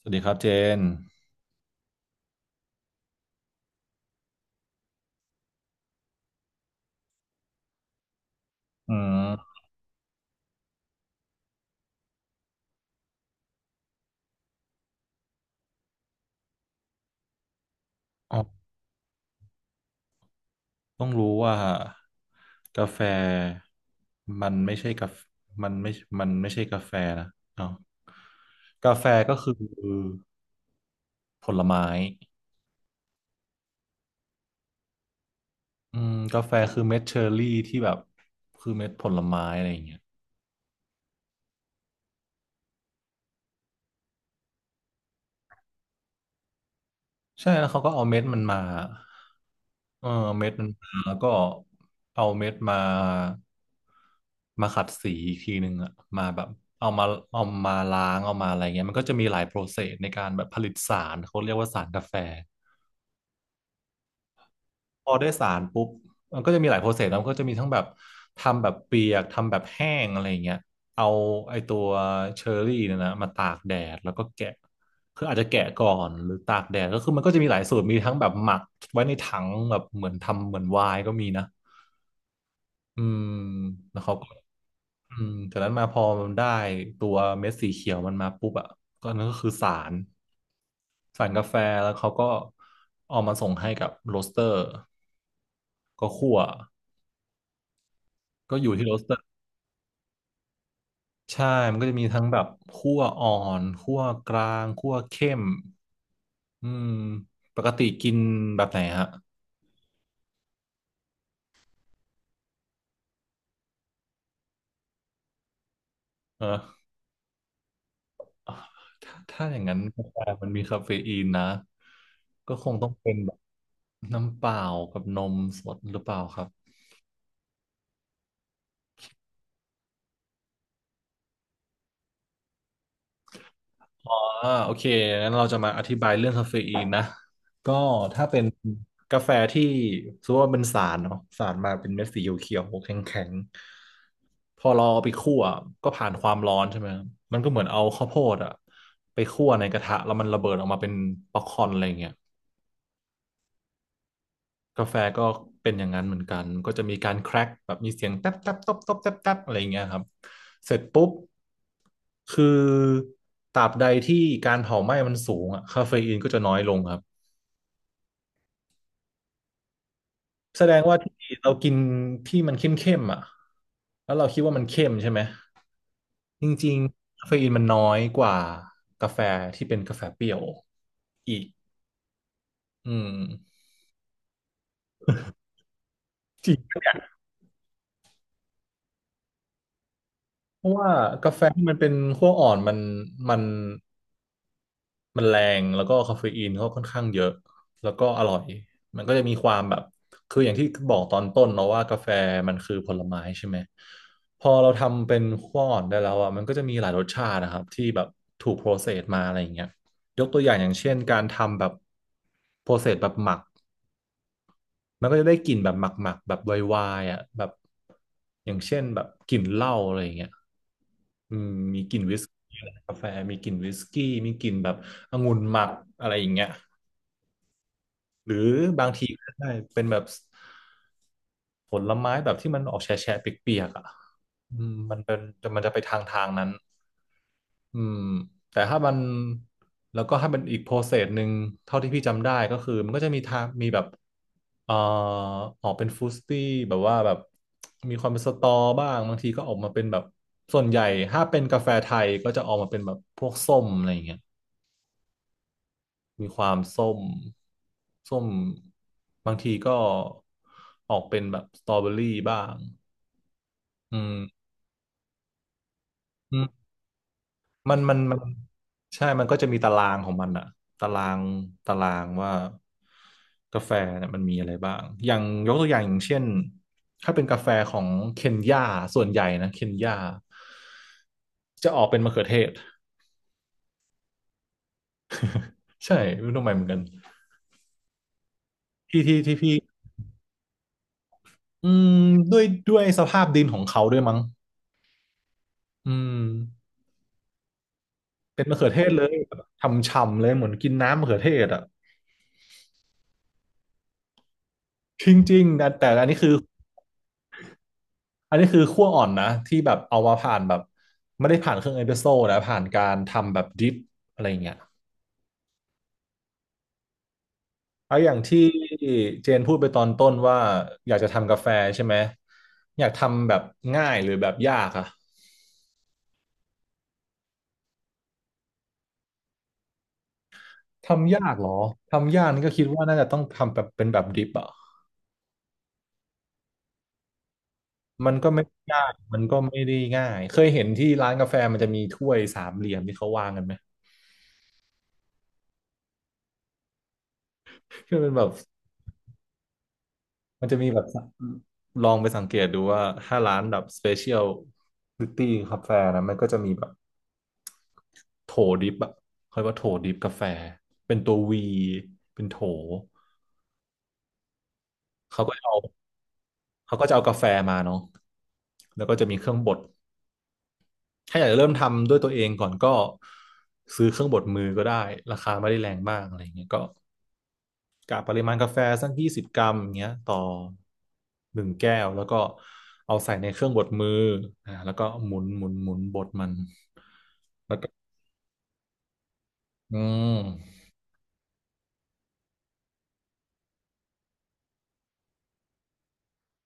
สวัสดีครับเจนอืมอ๋อต้องรู้ว่ากาแฟมันไม่ใช่กาแฟมันไม่มันไม่ใช่กาแฟนะเนาะกาแฟก็คือผลไม้อืมกาแฟคือเม็ดเชอร์รี่ที่แบบคือเม็ดผลไม้อะไรอย่างเงี้ย ใช่แล้วเขาก็เอาเม็ดมันมาเออเม็ดมันมาแล้วก็เอาเม็ดมามาขัดสีอีกทีหนึ่งอะมาแบบเอามาเอามาล้างเอามาอะไรเงี้ยมันก็จะมีหลายโปรเซสในการแบบผลิตสารเขาเรียกว่าสารกาแฟ พอได้สารปุ๊บมันก็จะมีหลายโปรเซสแล้วก็จะมีทั้งแบบทำแบบเปียกทำแบบแห้งอะไรอย่างเงี้ยเอาไอตัวเชอร์รี่เนี่ยนะมาตากแดดแล้วก็แกะคืออาจจะแกะก่อนหรือตากแดดก็คือมันก็จะมีหลายสูตรมีทั้งแบบหมักไว้ในถังแบบเหมือนทำเหมือนไวน์ก็มีนะอืมแล้วเขาก็ อืมจากนั้นมาพอมันได้ตัวเม็ดสีเขียวมันมาปุ๊บอ่ะก็นั่นก็คือสารสารกาแฟแล้วเขาก็เอามาส่งให้กับโรสเตอร์ก็คั่วก็อยู่ที่โรสเตอร์ใช่มันก็จะมีทั้งแบบคั่วอ่อนคั่วกลางคั่วเข้มอืมปกติกินแบบไหนฮะเออถ้าถ้าอย่างนั้นกาแฟมันมีคาเฟอีนนะก็คงต้องเป็นแบบน้ำเปล่ากับนมสดหรือเปล่าครับ อ่าโอเคงั้นเราจะมาอธิบายเรื่องคาเฟอีนนะก็ถ้าเป็นกาแฟที่สมมติว่าเป็นสารเนาะสารมาเป็นเม็ดสีเขียวๆแข็งๆพอเราเอาไปคั่วก็ผ่านความร้อนใช่ไหมมันก็เหมือนเอาข้าวโพดอะไปคั่วในกระทะแล้วมันระเบิดออกมาเป็นป๊อปคอร์นอะไรอย่างเงี้ย กาแฟก็เป็นอย่างนั้นเหมือนกัน ก็จะมีการแครกแบบมีเสียงแต๊บแต๊บตบตบแต๊บแต๊บอะไรอย่างเงี้ยครับ เสร็จปุ๊บคือตราบใดที่การเผาไหม้มันสูงอะคาเฟอีนก็จะน้อยลงครับแสดงว่าที่เรากินที่มันเข้มๆอ่ะแล้วเราคิดว่ามันเข้มใช่ไหมจริงๆคาเฟอีนมันน้อยกว่ากาแฟที่เป็นกาแฟเปรี้ยวอีกอืมจริงปะเนี่ยเพราะว่ากาแฟที่มันเป็นขั้วอ่อนมัน มันแรงแล้วก็คาเฟอีนก็ค่อนข้างเยอะแล้วก็อร่อยมันก็จะมีความแบบคืออย่างที่บอกตอนต้นเนาะว่ากาแฟมันคือผลไม้ใช่ไหมพอเราทำเป็นขั้วอ่อนได้แล้วอ่ะมันก็จะมีหลายรสชาตินะครับที่แบบถูกโปรเซสมาอะไรอย่างเงี้ยยกตัวอย่างอย่างเช่นการทำแบบโปรเซสแบบหมักมันก็จะได้กลิ่นแบบหมักๆแบบไวๆอ่ะแบบอย่างเช่นแบบกลิ่นเหล้าอะไรอย่างเงี้ยกาแฟมีกลิ่นวิสกี้มีกลิ่นแบบองุ่นหมักอะไรอย่างเงี้ย หรือบางทีก็ได้เป็นแบบผลไม้แบบที่มันออกแฉะแฉะเปียกๆอ่ะอืมมันเป็นมันจะไปทางนั้นอืมแต่ถ้ามันแล้วก็ถ้าเป็นอีกโปรเซสหนึ่งเท่าที่พี่จำได้ก็คือมันก็จะมีทางมีแบบเอ่อออกเป็นฟรุตตี้แบบว่าแบบมีความเป็นสตอบ้างบางทีก็ออกมาเป็นแบบส่วนใหญ่ถ้าเป็นกาแฟไทยก็จะออกมาเป็นแบบพวกส้มอะไรอย่างเงี้ย มีความส้ม ส้ม บางทีก็ออกเป็นแบบสตรอเบอรี่บ้างอืมอืมมัน ใช่ มันก็จะมีตารางของมันอะตาราง ตารางว่ากาแฟเนี่ยมันมีอะไรบ้างอย่างยกตัวอย่างอย่างเช่นถ้าเป็นกาแฟของเคนยาส่วนใหญ่นะเคนยาจะออกเป็นมะเขือเทศใช่ไม่รู้ทำไมเหมือนกันที่พี่อืมด้วยสภาพดินของเขาด้วยมั้งอืม เป็นมะเขือเทศเลยทำฉ่ำๆเลยเหมือนกินน้ำมะเขือเทศอ่ะจริงๆนะแต่อันนี้คือ อันนี้คือคั่วอ่อนนะที่แบบเอามาผ่านแบบไม่ได้ผ่านเครื่องเอสเปรสโซ่นะผ่านการทำแบบดริปอะไรอย่างเงี้ยเอาอย่างที่เจนพูดไปตอนต้นว่าอยากจะทำกาแฟใช่ไหมอยากทำแบบง่ายหรือแบบยากอะทำยากเหรอทำยากนี่ก็คิดว่าน่าจะต้องทำแบบเป็นแบบดริปอะมันก็ไม่ยากมันก็ไม่ได้ง่ายเคยเห็นที่ร้านกาแฟมันจะมีถ้วยสามเหลี่ยมที่เขาวางกันไหมที่มันเป็นแบบ มันจะมีแบบลองไปสังเกตดูว่าถ้าร้านแบบสเปเชียลลิตี้กาแฟนะมันก็จะมีแบบโถดิบอะเขาเรียกว่าโถดิบกาแฟเป็นตัววีเป็นโถเขาก็เอาเขาก็จะเอากาแฟมาเนาะแล้วก็จะมีเครื่องบดถ้าอยากจะเริ่มทำด้วยตัวเองก่อนก็ซื้อเครื่องบดมือก็ได้ราคาไม่ได้แรงมากอะไรางเงี้ยก็ กะปริมาณกาแฟสัก20 กรัมอย่างเงี้ยต่อหนึ่งแก้ว แล้วก็เอาใส่ในเครื่องบดมือแล้วก็หมุน หมุน หมุนบดมัน แล้วก็ อืม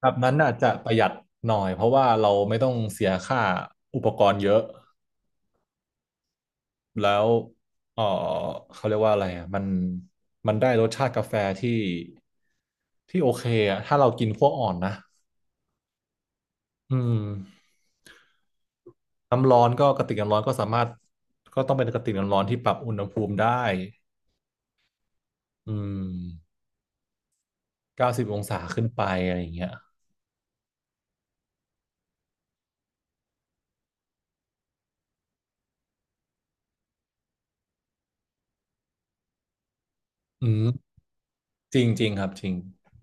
แบบนั้นน่าจจะประหยัดหน่อย เพราะว่าเราไม่ต้องเสียค่าอุปกรณ์เยอะ แล้วเออเขาเรียกว่าอะไรอ่ะมัน มันได้รสชาติกาแฟที่ ที่โอเคอ่ะถ้าเรากินขั้วอ่อนนะอืม น้ำร้อนก็กระติกน้ำร้อนก็สามารถก็ต้องเป็นกระติกน้ำร้อนที่ปรับอุณหภูมิได้อืม90 องศาขึ้นไปอะไรอย่างเงี้ยอืมจริงจริงครับจริง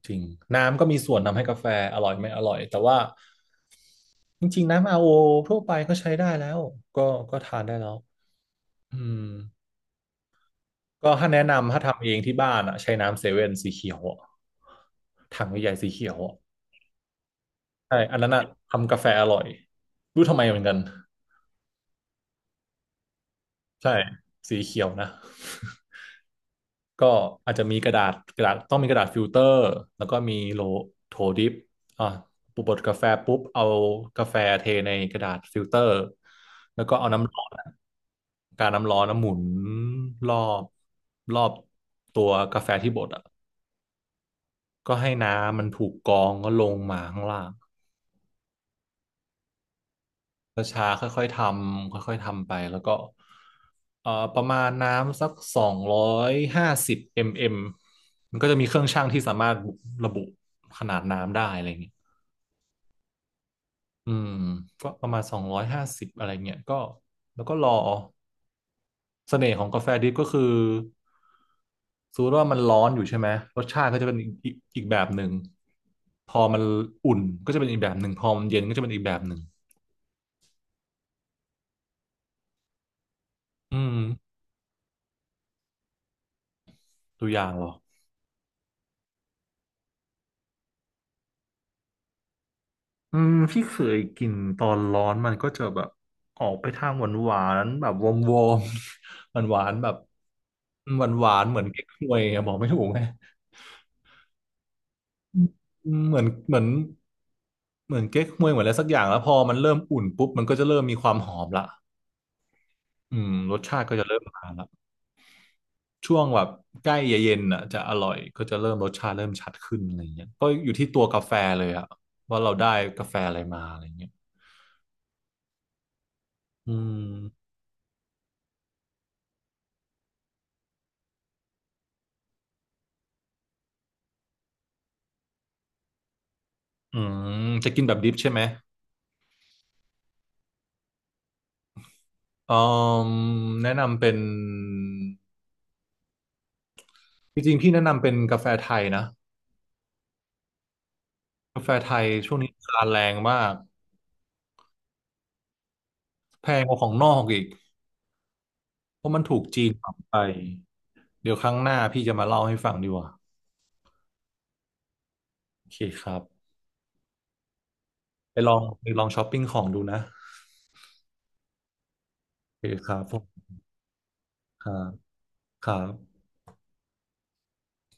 จริงน้ำก็มีส่วนทำให้กาแฟอร่อยไม่อร่อยแต่ว่าจริงๆน้ำอาร์โอทั่วไปก็ใช้ได้แล้วก็ก็ทานได้แล้วอืมก็ถ้าแนะนำถ้าทำเองที่บ้านอ่ะใช้น้ำเซเว่นสีเขียวอะถังใหญ่ๆสีเขียวอะใช่อันนั้นอ่ะทำกาแฟอร่อยรู้ทำไมเหมือนกัน ใช่สีเขียวนะ ก็อาจจะมีกระดาษต้องมีกระดาษฟิลเตอร์แล้วก็มีโถดิปอ่ะปุบบดกาแฟปุ๊บเอากาแฟเทในกระดาษฟิลเตอร์แล้วก็เอาน้ำร้อนอะการน้ำร้อนน้ำหมุนรอบรอบตัวกาแฟที่บดอ่ะก็ให้น้ำมันถูกกรองก็ลงมาข้างล่าง ช้าๆค่อยๆทำค่อยๆทำไปแล้วก็ประมาณน้ำสักสองร้อยห้าสิบมมมันก็จะมีเครื่องชั่งที่สามารถระบุขนาดน้ำได้อะไรเงี้ยอืมก็ประมาณสองร้อยห้าสิบอะไรเงี้ยก็แล้วก็รอเสน่ห์ของกาแฟดริปก็คือสมมติว่ามันร้อนอยู่ใช่ไหมรสชาติก็จะเป็นอีกแบบหนึ่งพอมันอุ่นก็จะเป็นอีกแบบหนึ่งพอมันเย็นก็จะเป็นอีกแบบหนึ่งอืมตัวอย่างเหรอ พี่เคยกินตอนร้อนมันก็จะแบบออกไปทางหวานหวานแบบวอมวอมหวาน หวานๆแบบหวานหวานเหมือนเก๊กฮวยอะบอกไม่ถูกไงอืมเหมือนเก๊กฮวยเหมือนอะไรสักอย่างแล้วพอมันเริ่มอุ่นปุ๊บมันก็จะเริ่มมีความหอมละรสชาติก็จะเริ่มมาละช่วงแบบใกล้เย็นๆอ่ะจะอร่อยก็จะเริ่มรสชาติเริ่มชัดขึ้นอะไรเงี้ยก็อยู่ที่ตัวกาแฟเลยอะว่าเราได้กาแฟอะไรมาอะไรเงี้ยอืมอืมจะกินแบบดิฟใช่ไหม เอ่มแนะนำเป็นจริงๆพี่แนะนำเป็นกาแฟไทยนะกาแฟไทยช่วงนี้ราคาแรงมากแพงกว่าของนอกอีกเพราะมันถูกจีนปรับไปเดี๋ยวครั้งหน้าพี่จะมาเล่าให้ฟังดีกว่าโอเคครับไปลองไปลองช้อปปิ้งของดูนะโอเคครับผมครับครับ